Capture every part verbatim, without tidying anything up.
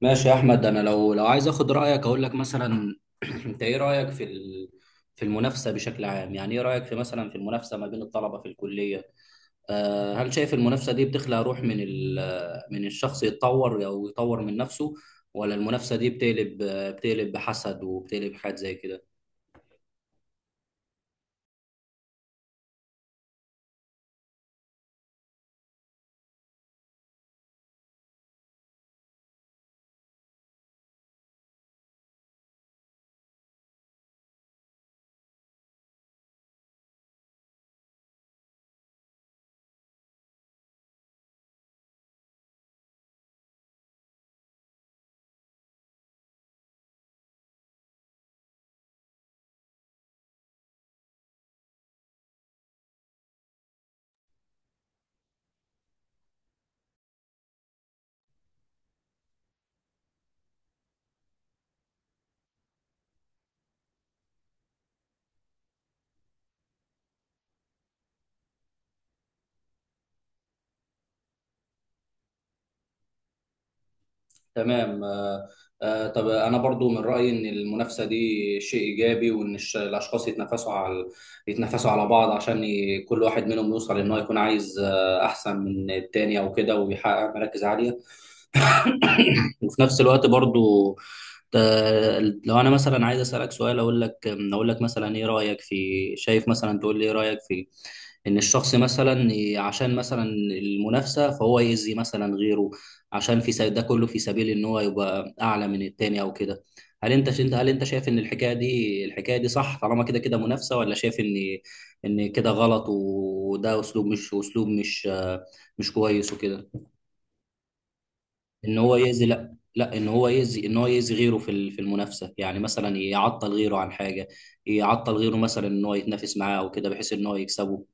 ماشي يا احمد، انا لو لو عايز اخد رايك اقول لك مثلا انت ايه رايك في ال- في المنافسه بشكل عام؟ يعني ايه رايك في مثلا في المنافسه ما بين الطلبه في الكليه؟ آه، هل شايف المنافسه دي بتخلق روح من ال- من الشخص يتطور او يطور من نفسه، ولا المنافسه دي بتقلب، بتقلب بحسد وبتقلب حاجات زي كده؟ تمام، آه. آه، طب انا برضو من رايي ان المنافسه دي شيء ايجابي، وان الش- الاشخاص يتنافسوا على يتنافسوا على بعض عشان ي- كل واحد منهم يوصل، ان هو يكون عايز آه، احسن من التاني او كده، ويحقق مراكز عاليه. وفي نفس الوقت برضو ت- لو انا مثلا عايز اسالك سؤال، اقول لك اقول لك مثلا ايه رايك في، شايف مثلا، تقول لي ايه رايك في ان الشخص مثلا ي- عشان مثلا المنافسه فهو يأذي مثلا غيره، عشان في س- ده كله في سبيل ان هو يبقى اعلى من التاني او كده. هل انت انت هل انت شايف ان الحكايه دي الحكايه دي صح، طالما كده كده منافسه؟ ولا شايف ان ان كده غلط، وده اسلوب، مش اسلوب مش آه، مش كويس وكده؟ ان هو يأذي، لا لا ان هو يأذي، ان هو يأذي غيره في ال- في المنافسه، يعني مثلا يعطل غيره عن حاجه، يعطل غيره مثلا ان هو يتنافس معاه او كده، بحيث ان هو يكسبه.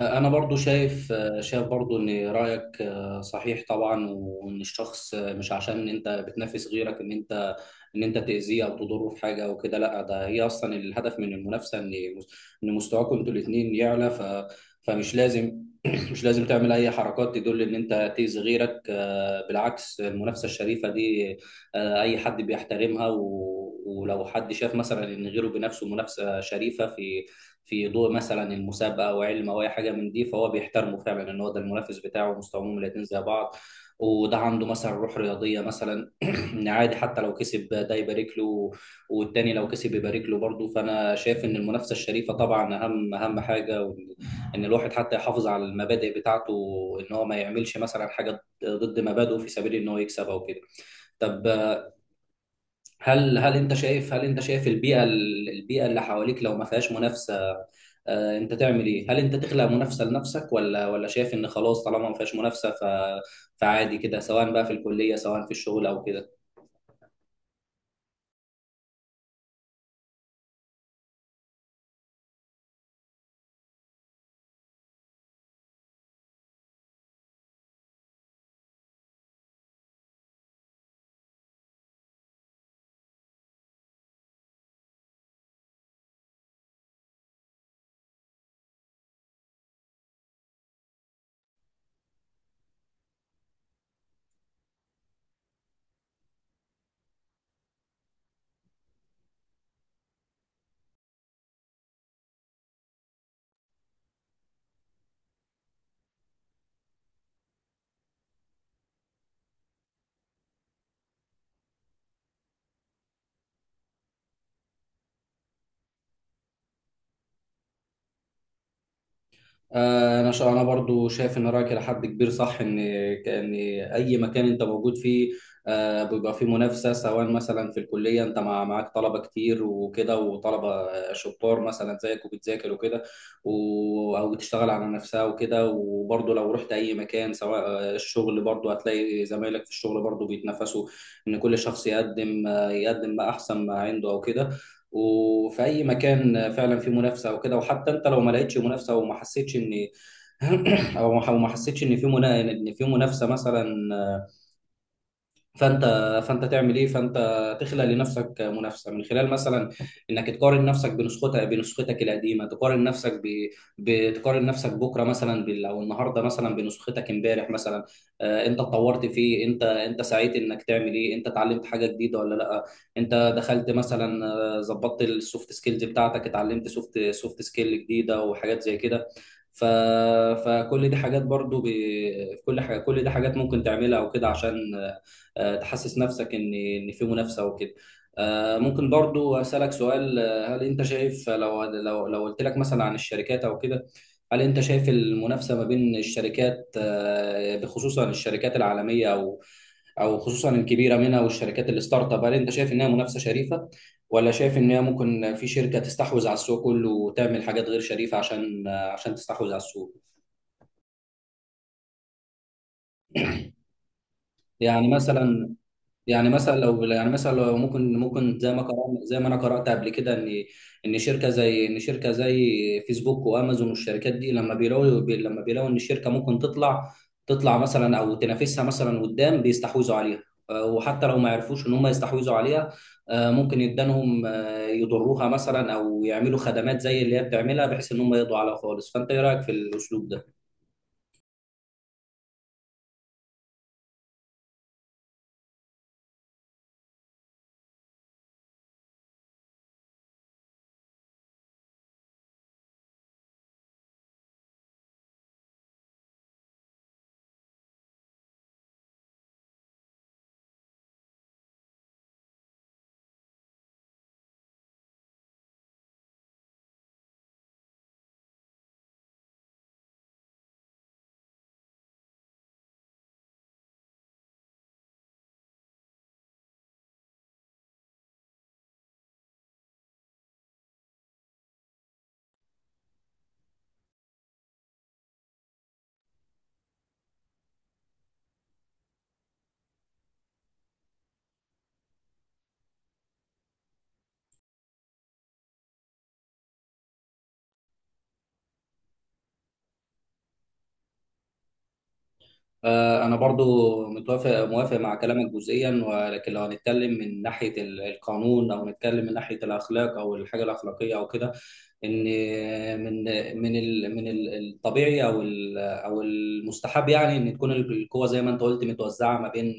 أنا برضو شايف، شايف برضو إن رأيك صحيح طبعا، وإن الشخص مش عشان أنت بتنافس غيرك إن أنت إن أنت تأذيه أو تضره في حاجة أو كده، لا، ده هي أصلا الهدف من المنافسة إن إن مستواكم أنتوا الاتنين يعلى. ف فمش لازم مش لازم تعمل أي حركات تدل إن أنت تأذي غيرك. بالعكس، المنافسة الشريفة دي أي حد بيحترمها. و ولو حد شاف مثلا ان غيره بنفسه منافسه شريفه في في ضوء مثلا المسابقه او علم او اي حاجه من دي، فهو بيحترمه فعلا، ان هو ده المنافس بتاعه ومستواهم الاتنين زي بعض. وده عنده مثلا روح رياضيه مثلا، ان عادي حتى لو كسب ده يبارك له، والتاني لو كسب يبارك له برضه. فانا شايف ان المنافسه الشريفه طبعا اهم اهم حاجه، وإن- ان الواحد حتى يحافظ على المبادئ بتاعته، ان هو ما يعملش مثلا حاجه ضد مبادئه في سبيل ان هو يكسب او كده. طب، هل هل انت شايف هل انت شايف البيئه، البيئه اللي حواليك لو ما فيهاش منافسه، آه، انت تعمل ايه؟ هل انت تخلق منافسه لنفسك، ولا ولا شايف ان خلاص طالما ما فيهاش منافسه ف... فعادي كده، سواء بقى في الكليه سواء في الشغل او كده؟ آه، انا شا- انا برضو شايف ان رايك لحد كبير صح، ان ان اي مكان انت موجود فيه آه، بيبقى فيه منافسه، سواء مثلا في الكليه انت مع معاك طلبه كتير وكده، وطلبه آه، شطار مثلا زيك وبتذاكر وكده و- او بتشتغل على نفسها وكده. وبرضو لو رحت اي مكان سواء آه، الشغل، برضو هتلاقي زمايلك في الشغل برضو بيتنافسوا، ان كل شخص يقدم آه، يقدم ما احسن ما عنده او كده. وفي اي مكان فعلا في منافسه وكده. وحتى انت لو ما لقيتش منافسه وما حسيتش ان او ما أو ما حسيتش ان في منا... ان في منافسه مثلا، فانت فانت تعمل ايه؟ فانت تخلق لنفسك منافسه من خلال مثلا انك تقارن نفسك بنسختك، بنسختك القديمه، تقارن نفسك ب... بتقارن نفسك بكره مثلا بال... او النهارده مثلا بنسختك امبارح مثلا. آه، انت اتطورت في إيه؟ انت انت سعيت انك تعمل ايه؟ انت اتعلمت حاجه جديده ولا لا؟ انت دخلت مثلا، آه، ظبطت السوفت سكيلز بتاعتك، اتعلمت سوفت سوفت سكيل جديده وحاجات زي كده. ف... فكل دي حاجات برضو ب... كل حاجة، كل دي حاجات ممكن تعملها وكده عشان آه، تحسس نفسك ان ان في منافسه وكده. آه، ممكن برضو اسالك سؤال؟ آه، هل انت شايف، لو لو لو قلت لك مثلا عن الشركات او كده، هل انت شايف المنافسه ما بين الشركات آه، بخصوصا الشركات العالميه، او او خصوصا الكبيره منها، والشركات الستارت اب، هل انت شايف انها منافسه شريفه؟ ولا شايف ان هي ممكن في شركه تستحوذ على السوق كله وتعمل حاجات غير شريفه عشان آه، عشان تستحوذ على السوق؟ يعني مثلا يعني مثلا لو يعني مثلا لو ممكن، ممكن زي ما قرأنا، زي ما انا قرأت قبل كده، ان ان شركه زي ان شركه زي فيسبوك وامازون والشركات دي، لما بيلاقوا بي- لما بيلاقوا ان الشركه ممكن تطلع، تطلع مثلا او تنافسها مثلا قدام، بيستحوذوا عليها. آه، وحتى لو ما عرفوش ان هم يستحوذوا عليها، آه، ممكن يدانهم، آه، يضروها مثلا، او يعملوا خدمات زي اللي هي بتعملها، بحيث ان هم يقضوا عليها خالص. فانت ايه رأيك في الاسلوب ده؟ آه، أنا برضو متوافق موافق مع كلامك جزئيا، ولكن لو هنتكلم من ناحية ال- القانون، أو نتكلم من ناحية الأخلاق أو الحاجة الأخلاقية أو كده، ان من من ال- من ال- الطبيعي او ال- او المستحب يعني، ان تكون القوه زي ما انت قلت متوزعه ما بين،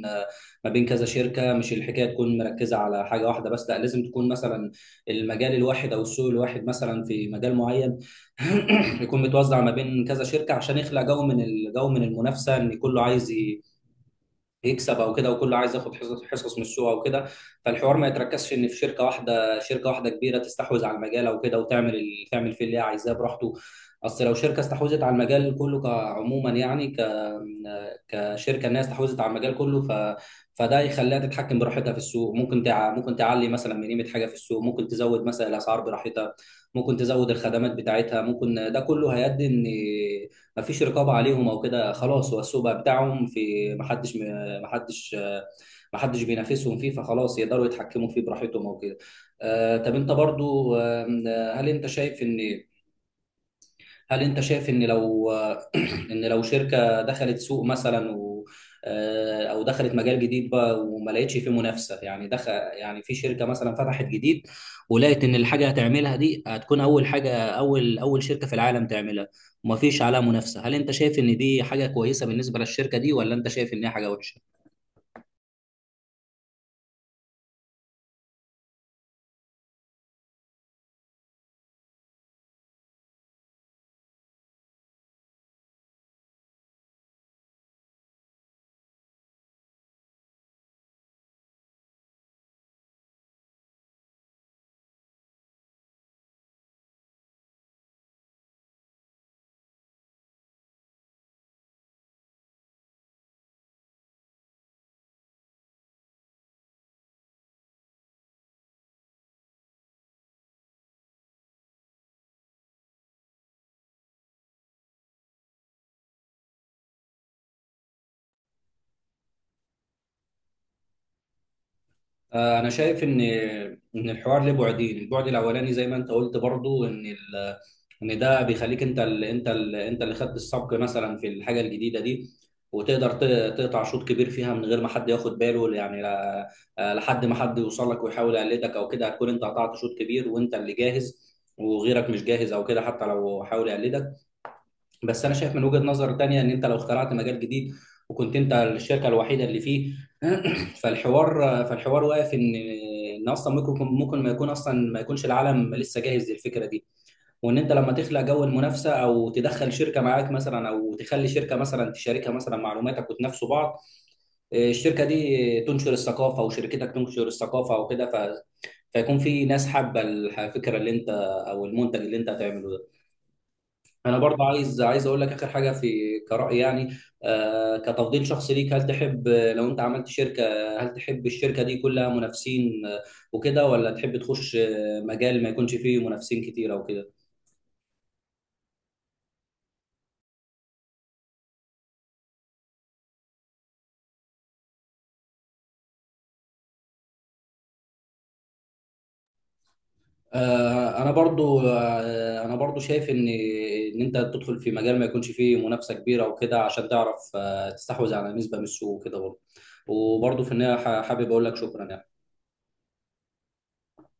ما بين كذا شركه، مش الحكايه تكون مركزه على حاجه واحده بس، لا لازم تكون مثلا المجال الواحد او السوق الواحد مثلا في مجال معين، يكون متوزع ما بين كذا شركه عشان يخلق جو من الجو من المنافسه، ان كله عايز ي- يكسب او كده، وكله عايز ياخد حصص حصص من السوق او كده. فالحوار ما يتركزش ان في شركه واحده، شركه واحده كبيره تستحوذ على المجال او كده، وتعمل ال- تعمل فيه اللي هي عايزاه براحته. اصل لو شركه استحوذت على المجال كله كعموما يعني، ك كشركه، الناس استحوذت على المجال كله، ف فده يخليها تتحكم براحتها في السوق. ممكن تع... ممكن تعلي مثلا من قيمه حاجه في السوق، ممكن تزود مثلا الاسعار براحتها، ممكن تزود الخدمات بتاعتها، ممكن ده كله هيؤدي ان مفيش رقابه عليهم او كده، خلاص هو السوق بقى بتاعهم، في محدش ما حدش ما حدش بينافسهم فيه، فخلاص يقدروا يتحكموا فيه براحتهم او كده. آه، طب انت برضو، آه، هل انت شايف ان هل انت شايف ان لو آه، ان لو شركة دخلت سوق مثلا و آه، او دخلت مجال جديد بقى، وما لقيتش فيه منافسة، يعني دخل يعني في شركة مثلا فتحت جديد، ولقيت ان الحاجة هتعملها دي هتكون اول حاجة، اول اول شركة في العالم تعملها، وما فيش عليها منافسة، هل انت شايف ان دي حاجة كويسة بالنسبة للشركة دي، ولا انت شايف ان هي حاجة وحشة؟ آه، انا شايف ان ان الحوار له بعدين، البعد الاولاني زي ما انت قلت برضو، ان ال... ان ده بيخليك انت ال... انت ال... انت اللي خدت السبق مثلا في الحاجه الجديده دي، وتقدر ت- تقطع شوط كبير فيها من غير ما حد ياخد باله يعني، لا... آه، لحد ما حد يوصل لك ويحاول يقلدك او كده، هتكون انت قطعت شوط كبير، وانت اللي جاهز وغيرك مش جاهز او كده، حتى لو حاول يقلدك. بس انا شايف من وجهة نظر تانية، ان انت لو اخترعت مجال جديد، وكنت انت الشركة الوحيدة اللي فيه فالحوار فالحوار واقف ان ان اصلا ممكن، ممكن ما يكون اصلا ما يكونش العالم لسه جاهز للفكرة دي. وان انت لما تخلق جو المنافسة، او تدخل شركة معاك مثلا، او تخلي شركة مثلا تشاركها مثلا معلوماتك وتنافسوا بعض، آه، الشركة دي تنشر الثقافة وشركتك تنشر الثقافة وكده، ف... فيكون في ناس حابة الفكرة اللي انت، او المنتج اللي انت هتعمله ده. انا برضه عايز عايز اقول لك اخر حاجه في كرأي يعني. آه، كتفضيل شخصي ليك، هل تحب آه، لو انت عملت شركه، هل تحب الشركه دي كلها منافسين آه، وكده، ولا تحب تخش آه، مجال ما يكونش فيه منافسين كتير او كده؟ آه، انا برضو آه انا برضو شايف ان ان انت تدخل في مجال ما يكونش فيه منافسه كبيره وكده، عشان تعرف آه تستحوذ على نسبه من السوق وكده برضو. وبرضو في النهايه ح- حابب اقول لك شكرا يعني.